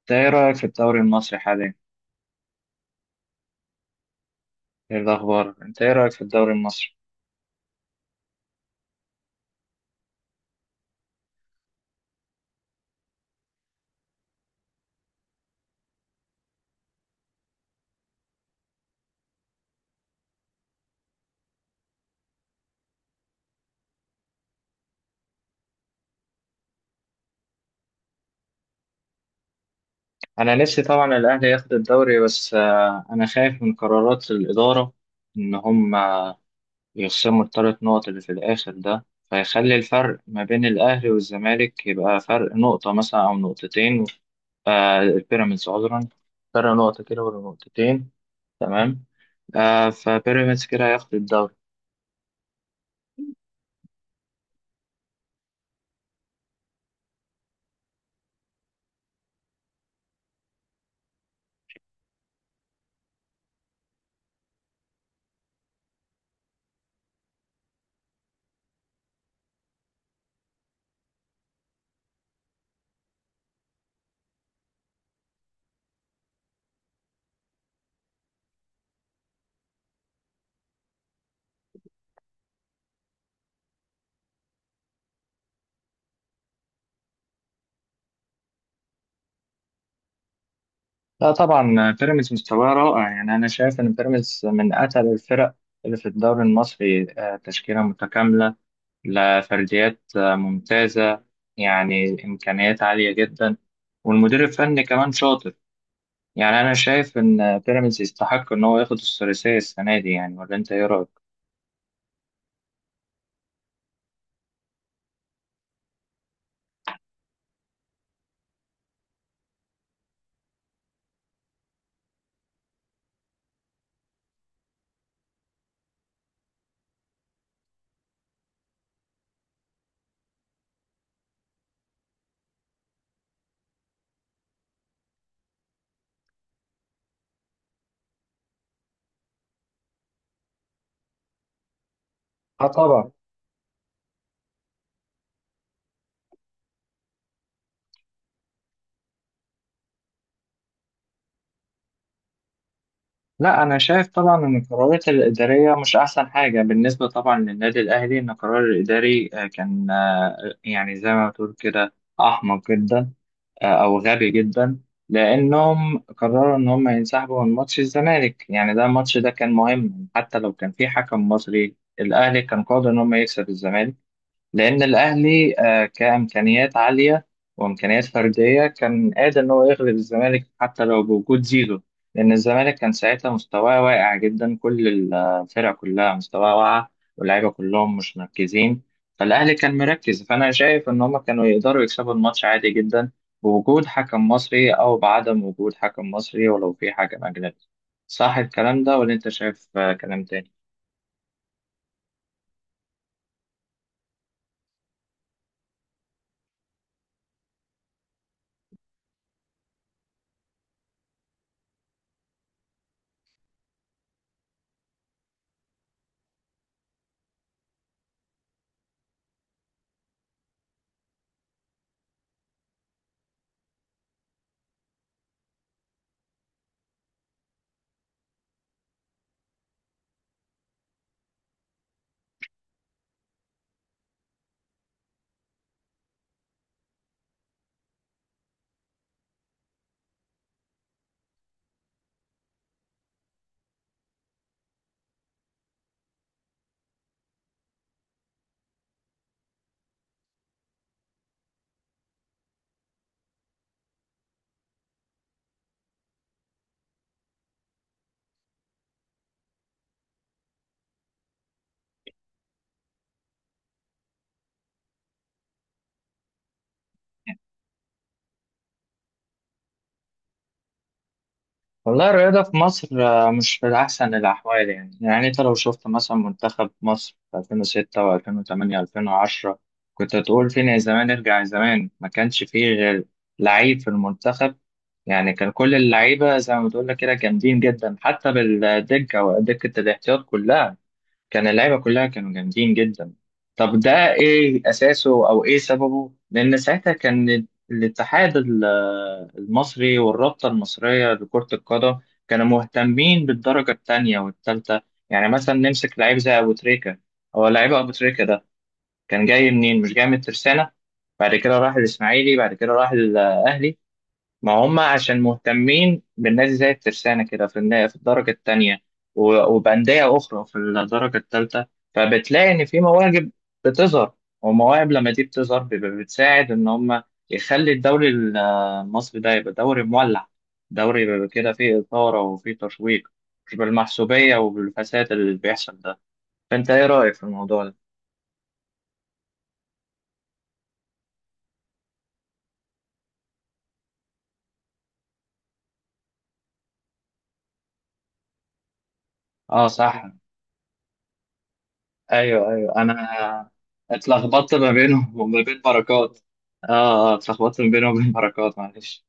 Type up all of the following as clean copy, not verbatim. انت ايه رأيك في الدوري المصري حاليا؟ ايه الأخبار؟ انت ايه رأيك في الدوري المصري؟ أنا نفسي طبعا الأهلي ياخد الدوري بس أنا خايف من قرارات الإدارة إن هم يخصموا الثلاث نقط اللي في الآخر ده فيخلي الفرق ما بين الأهلي والزمالك يبقى فرق نقطة مثلا أو نقطتين. البيراميدز، عذرا، فرق نقطة كده ولا نقطتين. تمام. فبيراميدز كده هياخد الدوري. لا طبعا بيراميدز مستواه رائع، يعني انا شايف ان بيراميدز من اتقل الفرق اللي في الدوري المصري. تشكيله متكامله، لفرديات ممتازه، يعني امكانيات عاليه جدا، والمدير الفني كمان شاطر. يعني انا شايف ان بيراميدز يستحق ان هو ياخد الثلاثيه السنه دي، يعني ولا انت ايه رايك؟ اه طبعا. لا انا شايف طبعا ان القرارات الاداريه مش احسن حاجه بالنسبه طبعا للنادي الاهلي، ان القرار الاداري كان يعني زي ما بتقول كده احمق جدا او غبي جدا، لانهم قرروا ان هم ينسحبوا من ماتش الزمالك. يعني ده الماتش ده كان مهم، حتى لو كان في حكم مصري الاهلي كان قادر ان هم يكسب الزمالك. لأن الأهلي كإمكانيات عالية وإمكانيات فردية كان قادر إن هو يغلب الزمالك حتى لو بوجود زيزو. لأن الزمالك كان ساعتها مستواه واقع جدا، كل الفرق كلها مستواها واقع، واللعيبة كلهم مش مركزين، فالأهلي كان مركز. فأنا شايف إن هما كانوا يقدروا يكسبوا الماتش عادي جدا، بوجود حكم مصري أو بعدم وجود حكم مصري ولو في حكم أجنبي. صح الكلام ده ولا أنت شايف كلام تاني؟ والله الرياضة في مصر مش في أحسن الأحوال. يعني يعني أنت لو شفت مثلا منتخب مصر في 2006 و2008 و2010، كنت هتقول فين يا زمان ارجع زمان. ما كانش فيه غير لعيب في المنتخب، يعني كان كل اللعيبة زي ما بتقول لك كده جامدين جدا، حتى بالدكة، ودكة الاحتياط كلها كان اللعيبه كلها كانوا جامدين جدا. طب ده ايه اساسه او ايه سببه؟ لان ساعتها كان الاتحاد المصري والرابطه المصريه لكره القدم كانوا مهتمين بالدرجه الثانيه والثالثه. يعني مثلا نمسك لعيب زي ابو تريكه، هو لعيب ابو تريكه ده كان جاي منين؟ مش جاي من الترسانه؟ بعد كده راح الاسماعيلي، بعد كده راح الاهلي. ما هم عشان مهتمين بالنادي زي الترسانة كده في في الدرجة التانية، وبأندية أخرى في الدرجة التالتة، فبتلاقي إن في مواهب بتظهر. ومواهب لما دي بتظهر بيبقى بتساعد إن هم يخلي الدوري المصري ده يبقى دوري مولع، دوري بيبقى كده فيه إثارة وفيه تشويق، مش بالمحسوبية وبالفساد اللي بيحصل ده. فأنت إيه رأيك في الموضوع ده؟ آه صح. ايوه ايوه، انا اتلخبطت ما بينهم وما بين بركات. اه اه، اتلخبطت ما بينهم وبين بركات، معلش.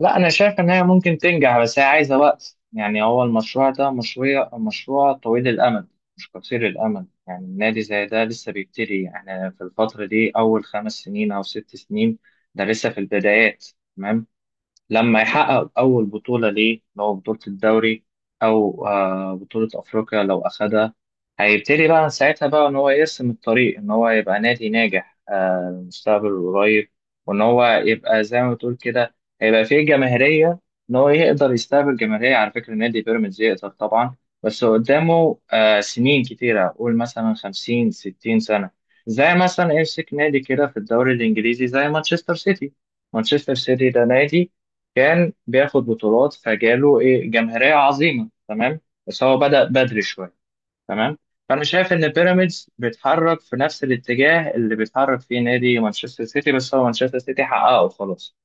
لا انا شايف ان هي ممكن تنجح، بس هي عايزه وقت. يعني هو المشروع ده مشروع طويل الامد، مش قصير الامد. يعني النادي زي ده لسه بيبتدي، احنا في الفتره دي اول خمس سنين او ست سنين، ده لسه في البدايات. تمام. لما يحقق أول بطولة ليه، اللي هو بطولة الدوري أو بطولة أفريقيا لو أخدها، هيبتدي بقى ساعتها إن هو يرسم الطريق إن هو يبقى نادي ناجح المستقبل القريب، وإن هو يبقى زي ما بتقول كده هيبقى فيه جماهيرية، إن هو يقدر يستقبل جماهيرية. على فكرة نادي بيراميدز يقدر طبعا، بس قدامه سنين كتيرة، قول مثلا خمسين ستين سنة. زي مثلا يمسك نادي كده في الدوري الإنجليزي زي مانشستر سيتي. مانشستر سيتي ده نادي كان بياخد بطولات فجاله ايه جماهيريه عظيمه، تمام، بس هو بدأ بدري شويه. تمام. فانا شايف ان بيراميدز بيتحرك في نفس الاتجاه اللي بيتحرك فيه نادي مانشستر سيتي، بس هو مانشستر سيتي حققه خلاص،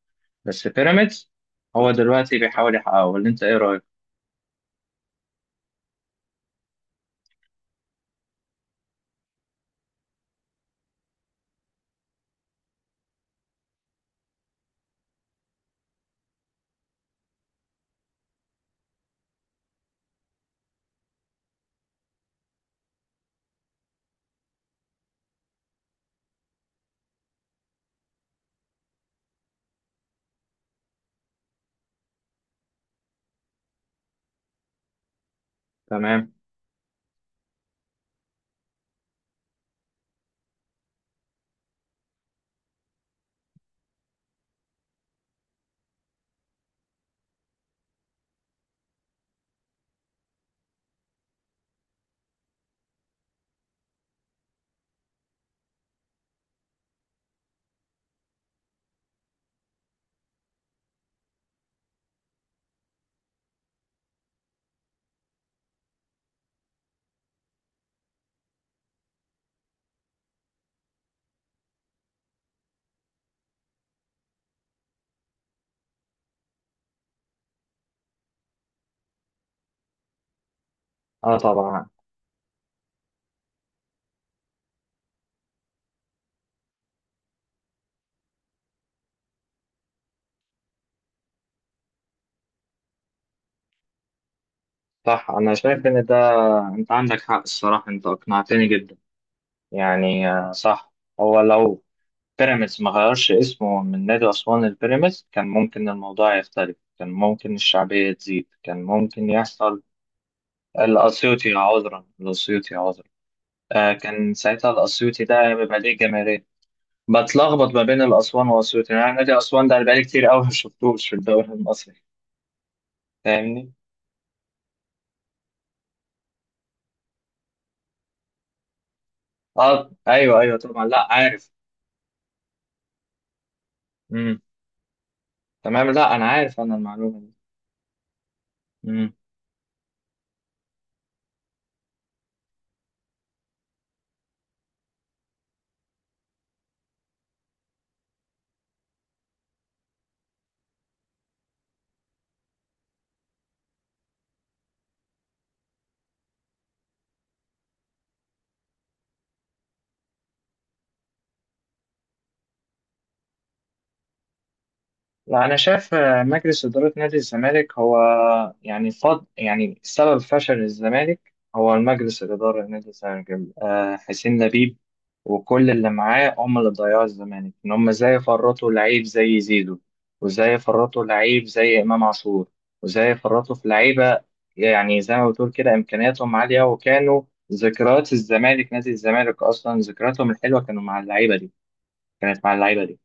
بس بيراميدز هو دلوقتي بيحاول يحققه. ولا انت ايه رايك؟ تمام. اه طبعا. صح، انا شايف ان ده، انت عندك حق الصراحه، انت اقنعتني جدا. يعني صح. هو لو بيراميدز ما غيرش اسمه من نادي أسوان لبيراميدز كان ممكن الموضوع يختلف، كان ممكن الشعبية تزيد، كان ممكن يحصل. الأسيوطي، عذرا. آه، كان ساعتها الأسيوطي ده بيبقى ليه جماهيرية. بتلخبط ما بين الأسوان والأسيوطي. يعني نادي أسوان ده أنا بقالي كتير أوي ما شفتوش في الدوري المصري. فاهمني؟ اه أيوه أيوه طبعا، لا عارف. مم. تمام. لا أنا عارف أنا المعلومة دي. مم. لا أنا شايف مجلس إدارة نادي الزمالك هو، يعني فض يعني سبب فشل الزمالك هو المجلس الإدارة لنادي الزمالك. حسين لبيب وكل اللي معاه هم اللي ضيعوا الزمالك. إن هم إزاي فرطوا لعيب زي زيزو، وإزاي فرطوا لعيب زي إمام عاشور، وإزاي فرطوا في لعيبة يعني زي ما بتقول كده إمكانياتهم عالية وكانوا ذكريات الزمالك. نادي الزمالك أصلا ذكرياتهم الحلوة كانوا مع اللعيبة دي، كانت مع اللعيبة دي.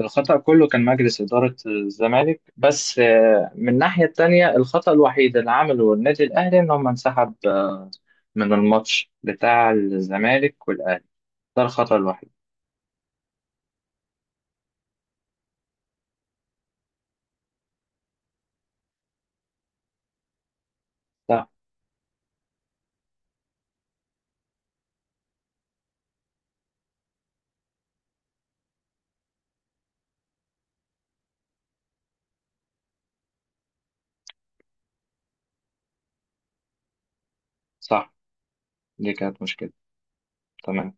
الخطأ كله كان مجلس إدارة الزمالك. بس من الناحية التانية الخطأ الوحيد اللي عمله النادي الأهلي إن هم انسحب من الماتش بتاع الزمالك والأهلي، ده الخطأ الوحيد. صح. صح دي كانت مشكلة. تمام.